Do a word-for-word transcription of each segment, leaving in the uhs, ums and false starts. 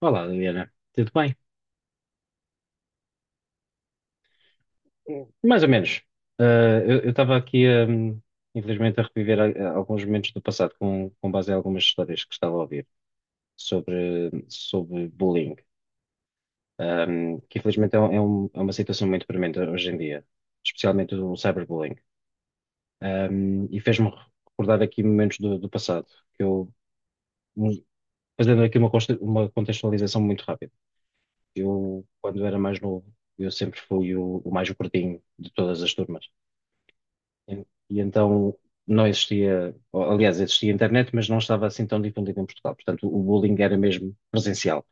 Olá, Liliana. Tudo bem? Hum. Mais ou menos. Ah, eu estava aqui, hum, infelizmente, a reviver a- a alguns momentos do passado com, com base em algumas histórias que estava a ouvir sobre, sobre bullying. Ah, Hum, que infelizmente é, um- é um- é uma situação muito premente hoje em dia, especialmente o cyberbullying. Ah, Hum, e fez-me recordar aqui momentos do, do passado, que eu, um, fazendo aqui uma, consta- uma contextualização muito rápida. Eu, quando era mais novo, eu sempre fui o o mais gordinho de todas as turmas. E e então não existia, ou, aliás, existia internet, mas não estava assim tão difundido em Portugal. Portanto, o bullying era mesmo presencial.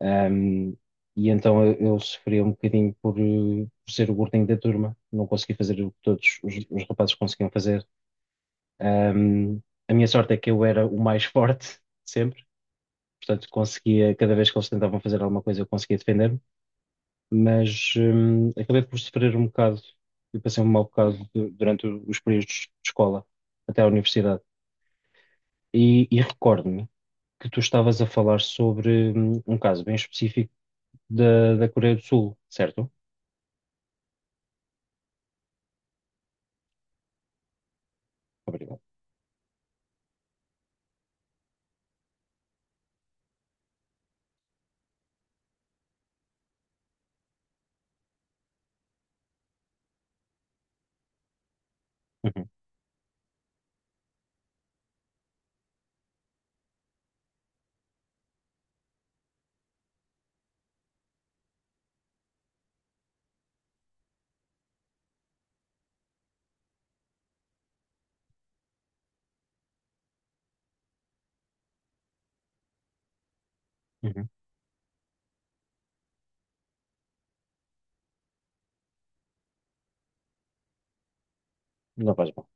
Ahm, e então eu, eu sofria um bocadinho por, eh, por ser o gordinho da turma, não conseguia fazer o que todos os, os rapazes conseguiam fazer. Ahm, a minha sorte é que eu era o mais forte sempre, portanto, conseguia, cada vez que eles tentavam fazer alguma coisa, eu conseguia defender-me, mas hum, acabei por sofrer um bocado. Eu passei um mau bocado du- durante o- os períodos de escola até à universidade. E, e recordo-me que tu estavas a falar sobre hum, um caso bem específico da, da Coreia do Sul, certo? Obrigado. Uhum, uhum. Não faz mal.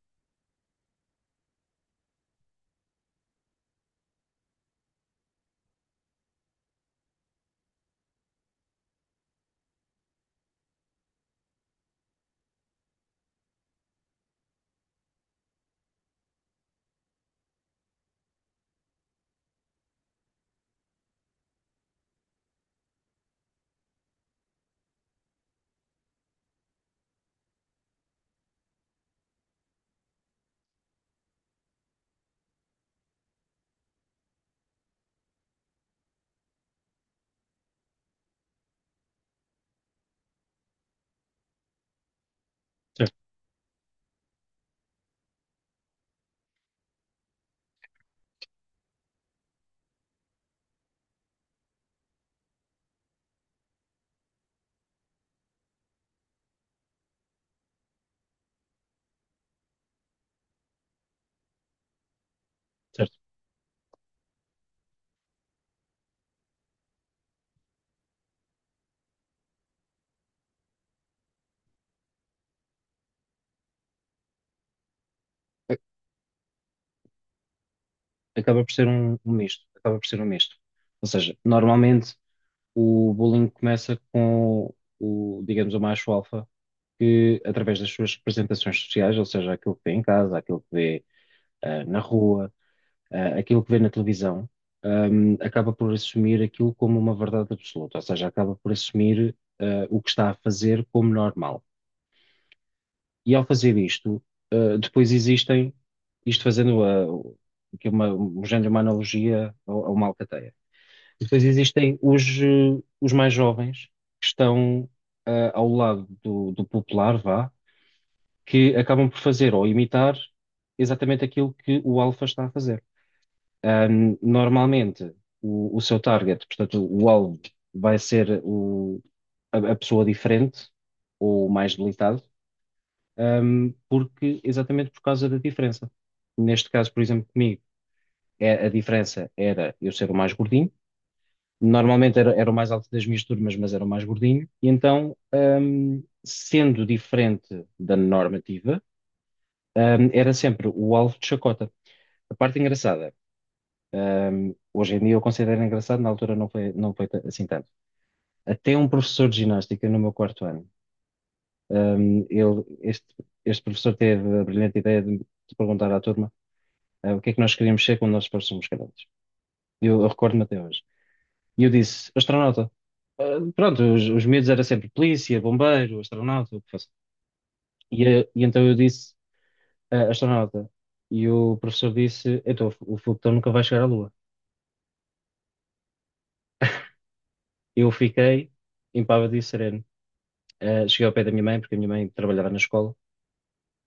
Certo, certo. A- Acaba por ser um, um misto. Acaba por ser um misto. Ou seja, normalmente o bullying começa com o, digamos, o macho alfa que, através das suas representações sociais, ou seja, aquilo que vê em casa, aquilo que vê ah, na rua, ah, aquilo que vê na televisão, ahm, acaba por assumir aquilo como uma verdade absoluta, ou seja, acaba por assumir ah, o que está a fazer como normal. E ao fazer isto, ah, depois existem, isto fazendo ah, o- que é uma, um género, uma analogia a, a uma alcateia. Depois existem os, eh, os mais jovens que estão ah, ao lado do, do popular, vá, que acabam por fazer ou imitar exatamente aquilo que o alfa está a fazer. Ahm, normalmente, o, o seu target, portanto, o alvo, vai ser o, a, a pessoa diferente ou mais debilitado, ahm, porque, exatamente por causa da diferença. Neste caso, por exemplo, comigo, é, a diferença era eu ser o mais gordinho. Normalmente era, era o mais alto das minhas turmas, mas era o mais gordinho. E então, ahm, sendo diferente da normativa, ahm, era sempre o alvo de chacota. A parte engraçada Um, hoje em dia eu considero engraçado, na altura não foi, não foi ta- assim tanto. Até um professor de ginástica no meu quarto ano, um, ele, este, este professor teve a brilhante ideia de, de perguntar à turma, uh, o que é que nós queríamos ser quando nós fôssemos grandes. Eu, eu recordo-me até hoje. E eu disse, astronauta. Uh, pronto, os, os medos era sempre polícia, bombeiro, astronauta, o que fosse. E, uh, e então eu disse, "Ah, astronauta." E o professor disse, então o foguetão nunca vai chegar à Lua. Eu fiquei impávido e sereno. Eh, cheguei ao pé da minha mãe, porque a minha mãe trabalhava na escola,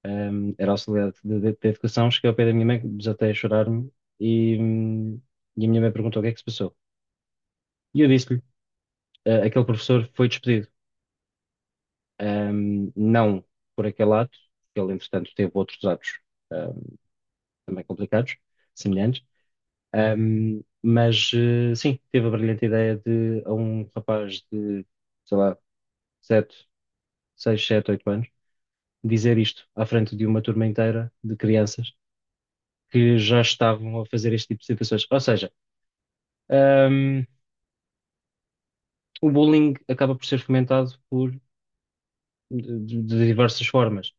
ehm, era auxiliar de, de, de educação. Cheguei ao pé da minha mãe, desatei a chorar-me e, hum, e a minha mãe perguntou o que é que se passou. E eu disse-lhe: "Ah, aquele professor foi despedido." Ehm, não por aquele ato, porque ele, entretanto, teve outros atos, ahm, também complicados, semelhantes. Ahm, mas, eh, sim, teve a brilhante ideia de, a um rapaz de, sei lá, sete seis sete oito anos, dizer isto à frente de uma turma inteira de crianças que já estavam a fazer este tipo de situações. Ou seja, um, o bullying acaba por ser fomentado por, de, de diversas formas.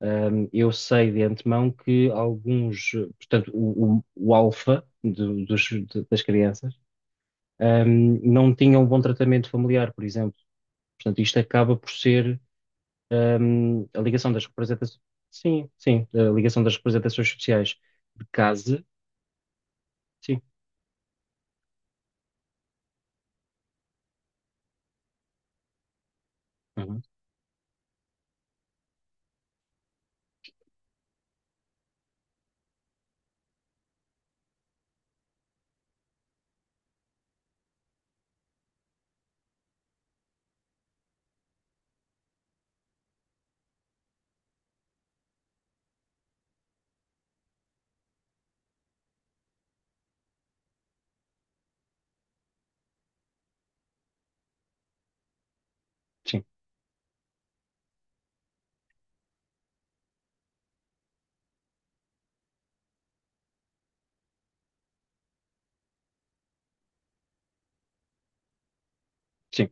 Um, eu sei de antemão que alguns, portanto, o, o, o alfa do- dos- de- das crianças um, não tinham um bom tratamento familiar, por exemplo. Portanto, isto acaba por ser um, a ligação das representações. Sim, sim, a ligação das representações sociais de casa. Sim, uhum, sim, sim,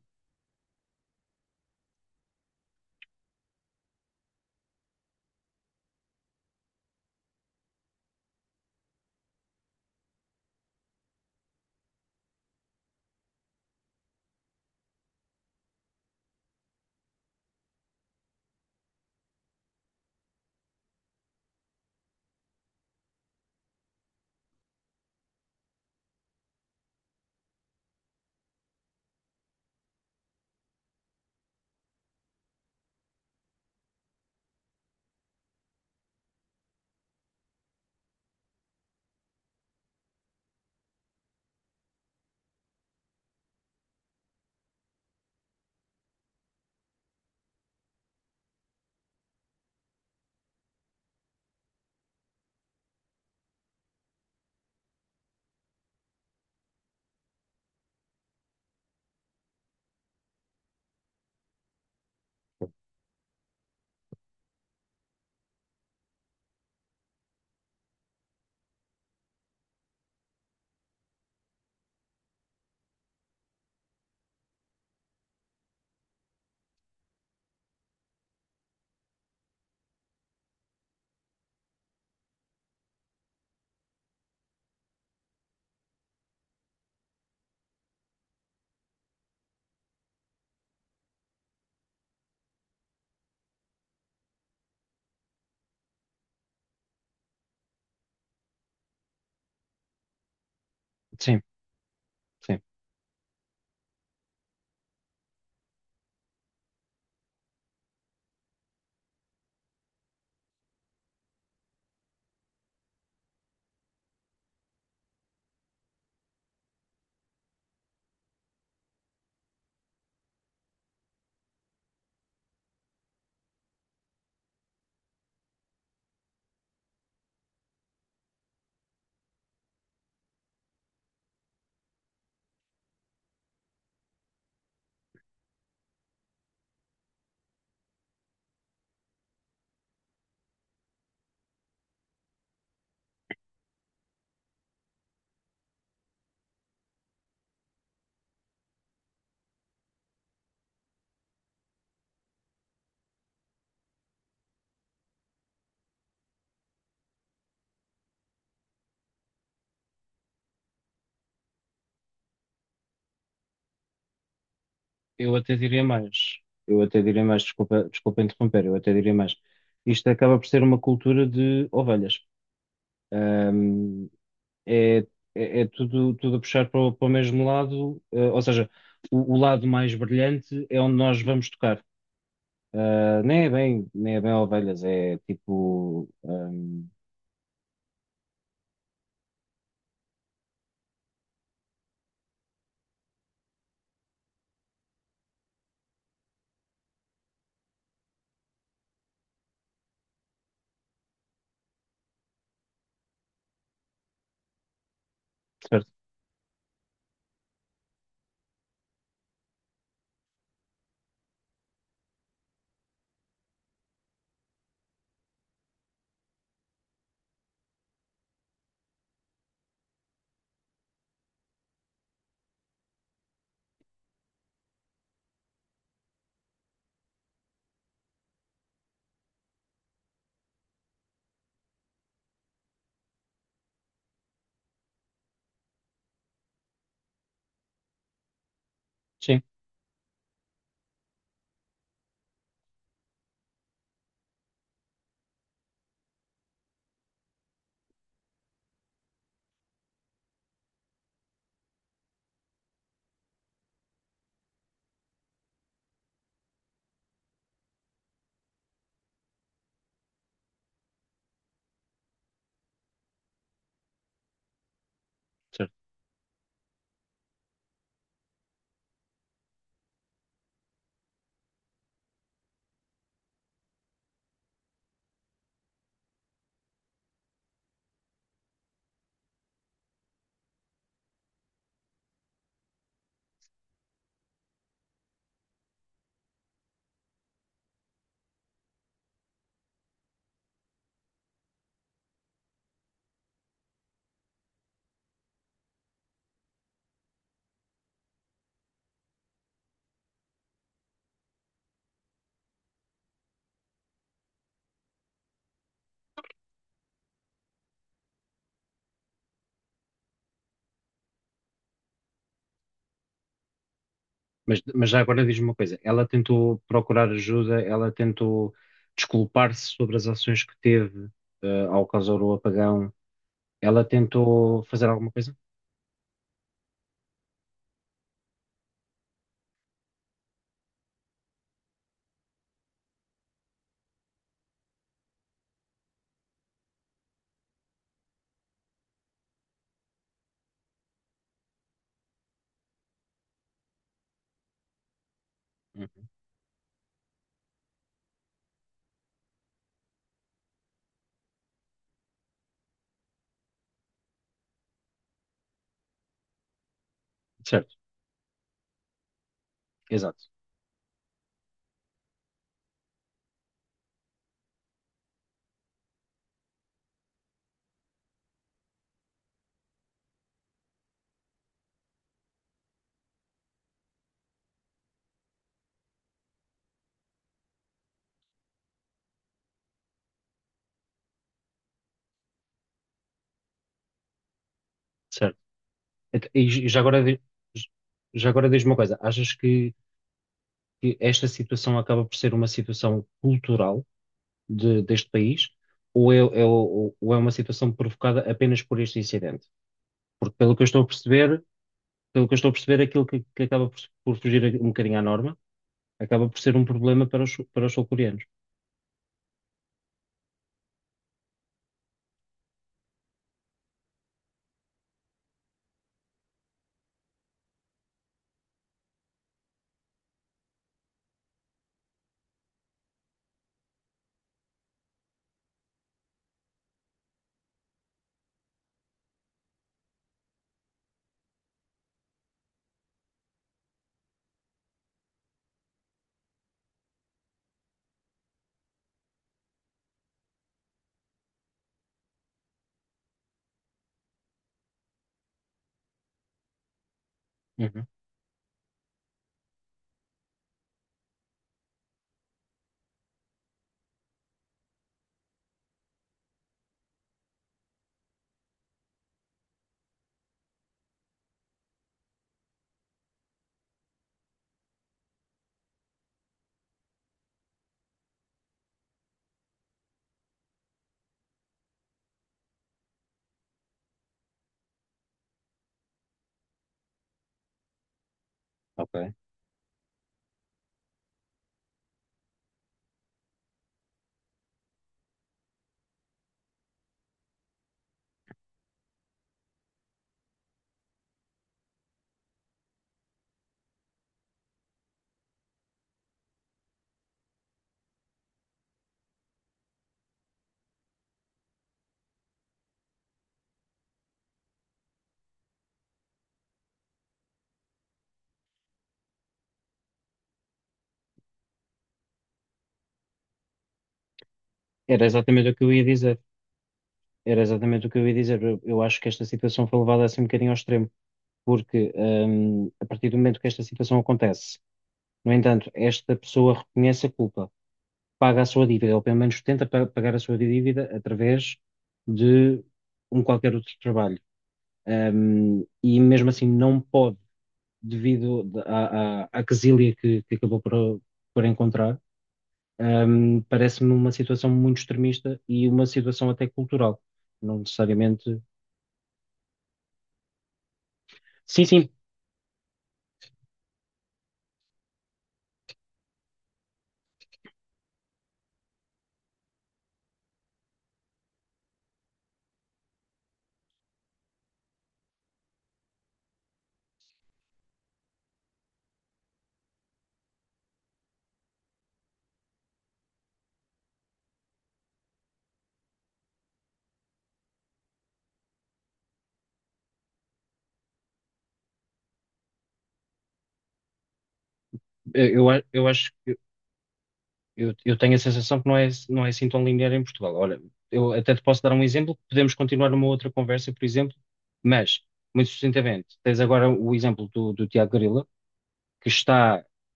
sim, sim. Eu até diria mais. Eu até diria mais, desculpa, desculpa interromper, eu até diria mais. Isto acaba por ser uma cultura de ovelhas. Ahm, é, é, é tudo, tudo a puxar para o, para o mesmo lado, eh, ou seja, o, o lado mais brilhante é onde nós vamos tocar. Ah, nem é bem, nem é bem ovelhas, é tipo. ahm, certo? Sim. Mas, mas já agora diz-me uma coisa: ela tentou procurar ajuda, ela tentou desculpar-se sobre as ações que teve, eh, ao causar o apagão, ela tentou fazer alguma coisa? Uhum. Certo, exato, certo. Et- E, j- já agora, di- j- já agora diz-me uma coisa: achas que, que esta situação acaba por ser uma situação cultural de- deste país ou é, é- ou- ou é uma situação provocada apenas por este incidente? Porque pelo que eu estou a perceber. Pelo que eu estou a perceber, aquilo que, que acaba por, por fugir um bocadinho à norma acaba por ser um problema para os, para os sul-coreanos. Uhum, ok. Era exatamente o que eu ia dizer. Era exatamente o que eu ia dizer. Eu, eu acho que esta situação foi levada assim um bocadinho ao extremo, porque hum, a partir do momento que esta situação acontece, no entanto, esta pessoa reconhece a culpa, paga a sua dívida, ou pelo menos tenta pa- pagar a sua dívida através de um qualquer outro trabalho. Hum, e mesmo assim não pode, devido à, à, à quesilha que, que acabou por, por encontrar. Ahm, parece-me uma situação muito extremista e uma situação até cultural. Não necessariamente. Sim, sim, eh, eu, a- eu acho, eu, eu tenho a sensação que não é, não é assim tão linear em Portugal. Olha, eu até te posso dar um exemplo, podemos continuar numa outra conversa, por exemplo, mas, muito sucintamente, tens agora o exemplo do, do Tiago Grila, que está,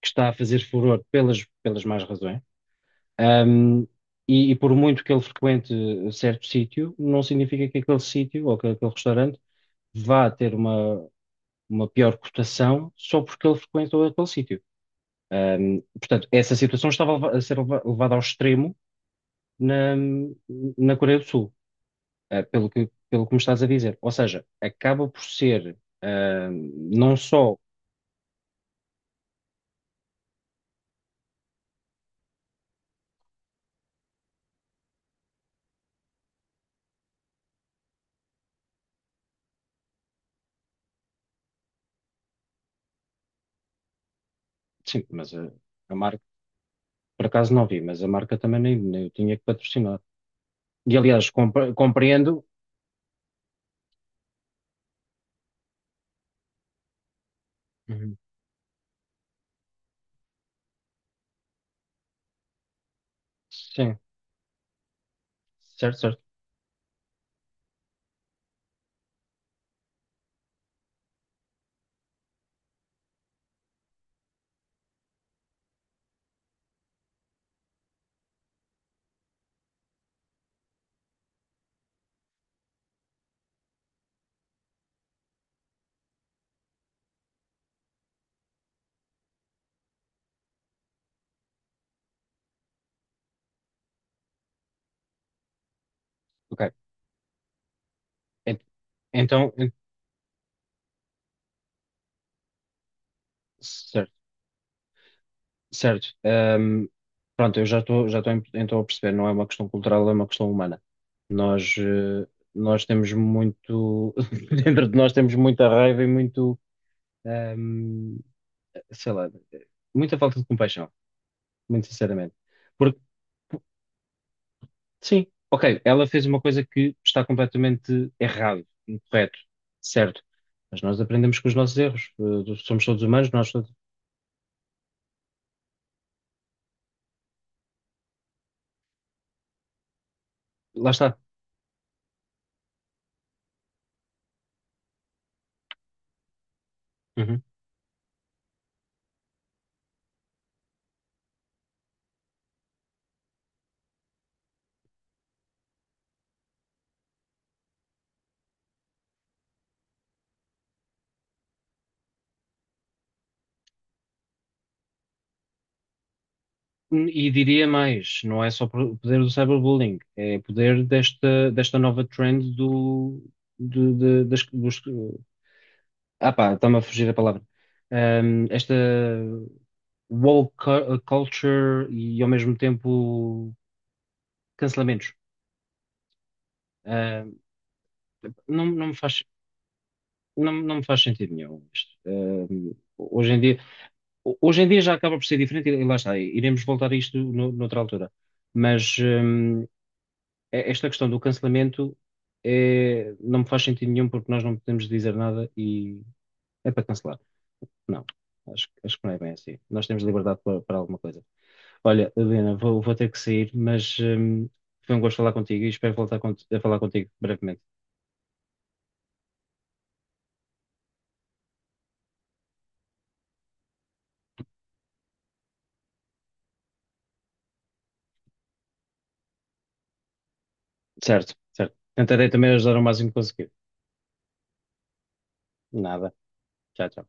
que está a fazer furor pelas, pelas más razões. Ahm, e, e por muito que ele frequente certo sítio, não significa que aquele sítio ou que aquele restaurante vá ter uma, uma pior cotação só porque ele frequentou aquele sítio. Ahm, portanto, essa situação estava a ser leva- levada ao extremo na, na Coreia do Sul, ah, pelo que, pelo que me estás a dizer. Ou seja, acaba por ser ahm, não só. Sim, mas a, a marca, por acaso não vi, mas a marca também nem, nem eu tinha que patrocinar. E aliás, compre- compreendo. Uhum. Sim, certo, certo. Ok. Ent- Então, en- certo. Certo. Ahm, pronto, eu já estou, já estou em- então a perceber, não é uma questão cultural, é uma questão humana. Nós, eh, nós temos muito, dentro de nós temos muita raiva e muito, ahm, sei lá, muita falta de compaixão, muito sinceramente. Porque, sim, ok, ela fez uma coisa que está completamente errado, incorreto, certo. Mas nós aprendemos com os nossos erros. Eh, somos todos humanos, nós todos... Lá está. Uhum. E diria mais, não é só pro- o poder do cyberbullying, é o poder desta, desta nova trend do, do- de- das, dos, ah pá, está-me a fugir a palavra. Ahm, esta woke cu- uh, culture e ao mesmo tempo cancelamentos. Ahm, não, não me faz, não, não me faz sentido nenhum isto. Ahm, hoje em dia, hoje em dia já acaba por ser diferente e lá está, iremos voltar a isto no, noutra altura. Mas, é- esta questão do cancelamento é, não me faz sentido nenhum porque nós não podemos dizer nada e é para cancelar. Não, acho, acho que não é bem assim. Nós temos liberdade para, para alguma coisa. Olha, Helena, vou, vou ter que sair, mas hum, foi um gosto falar contigo e espero voltar cont- a falar contigo brevemente. Certo, certo. Tentarei também ajudar o máximo que conseguir. Nada. Tchau, tchau.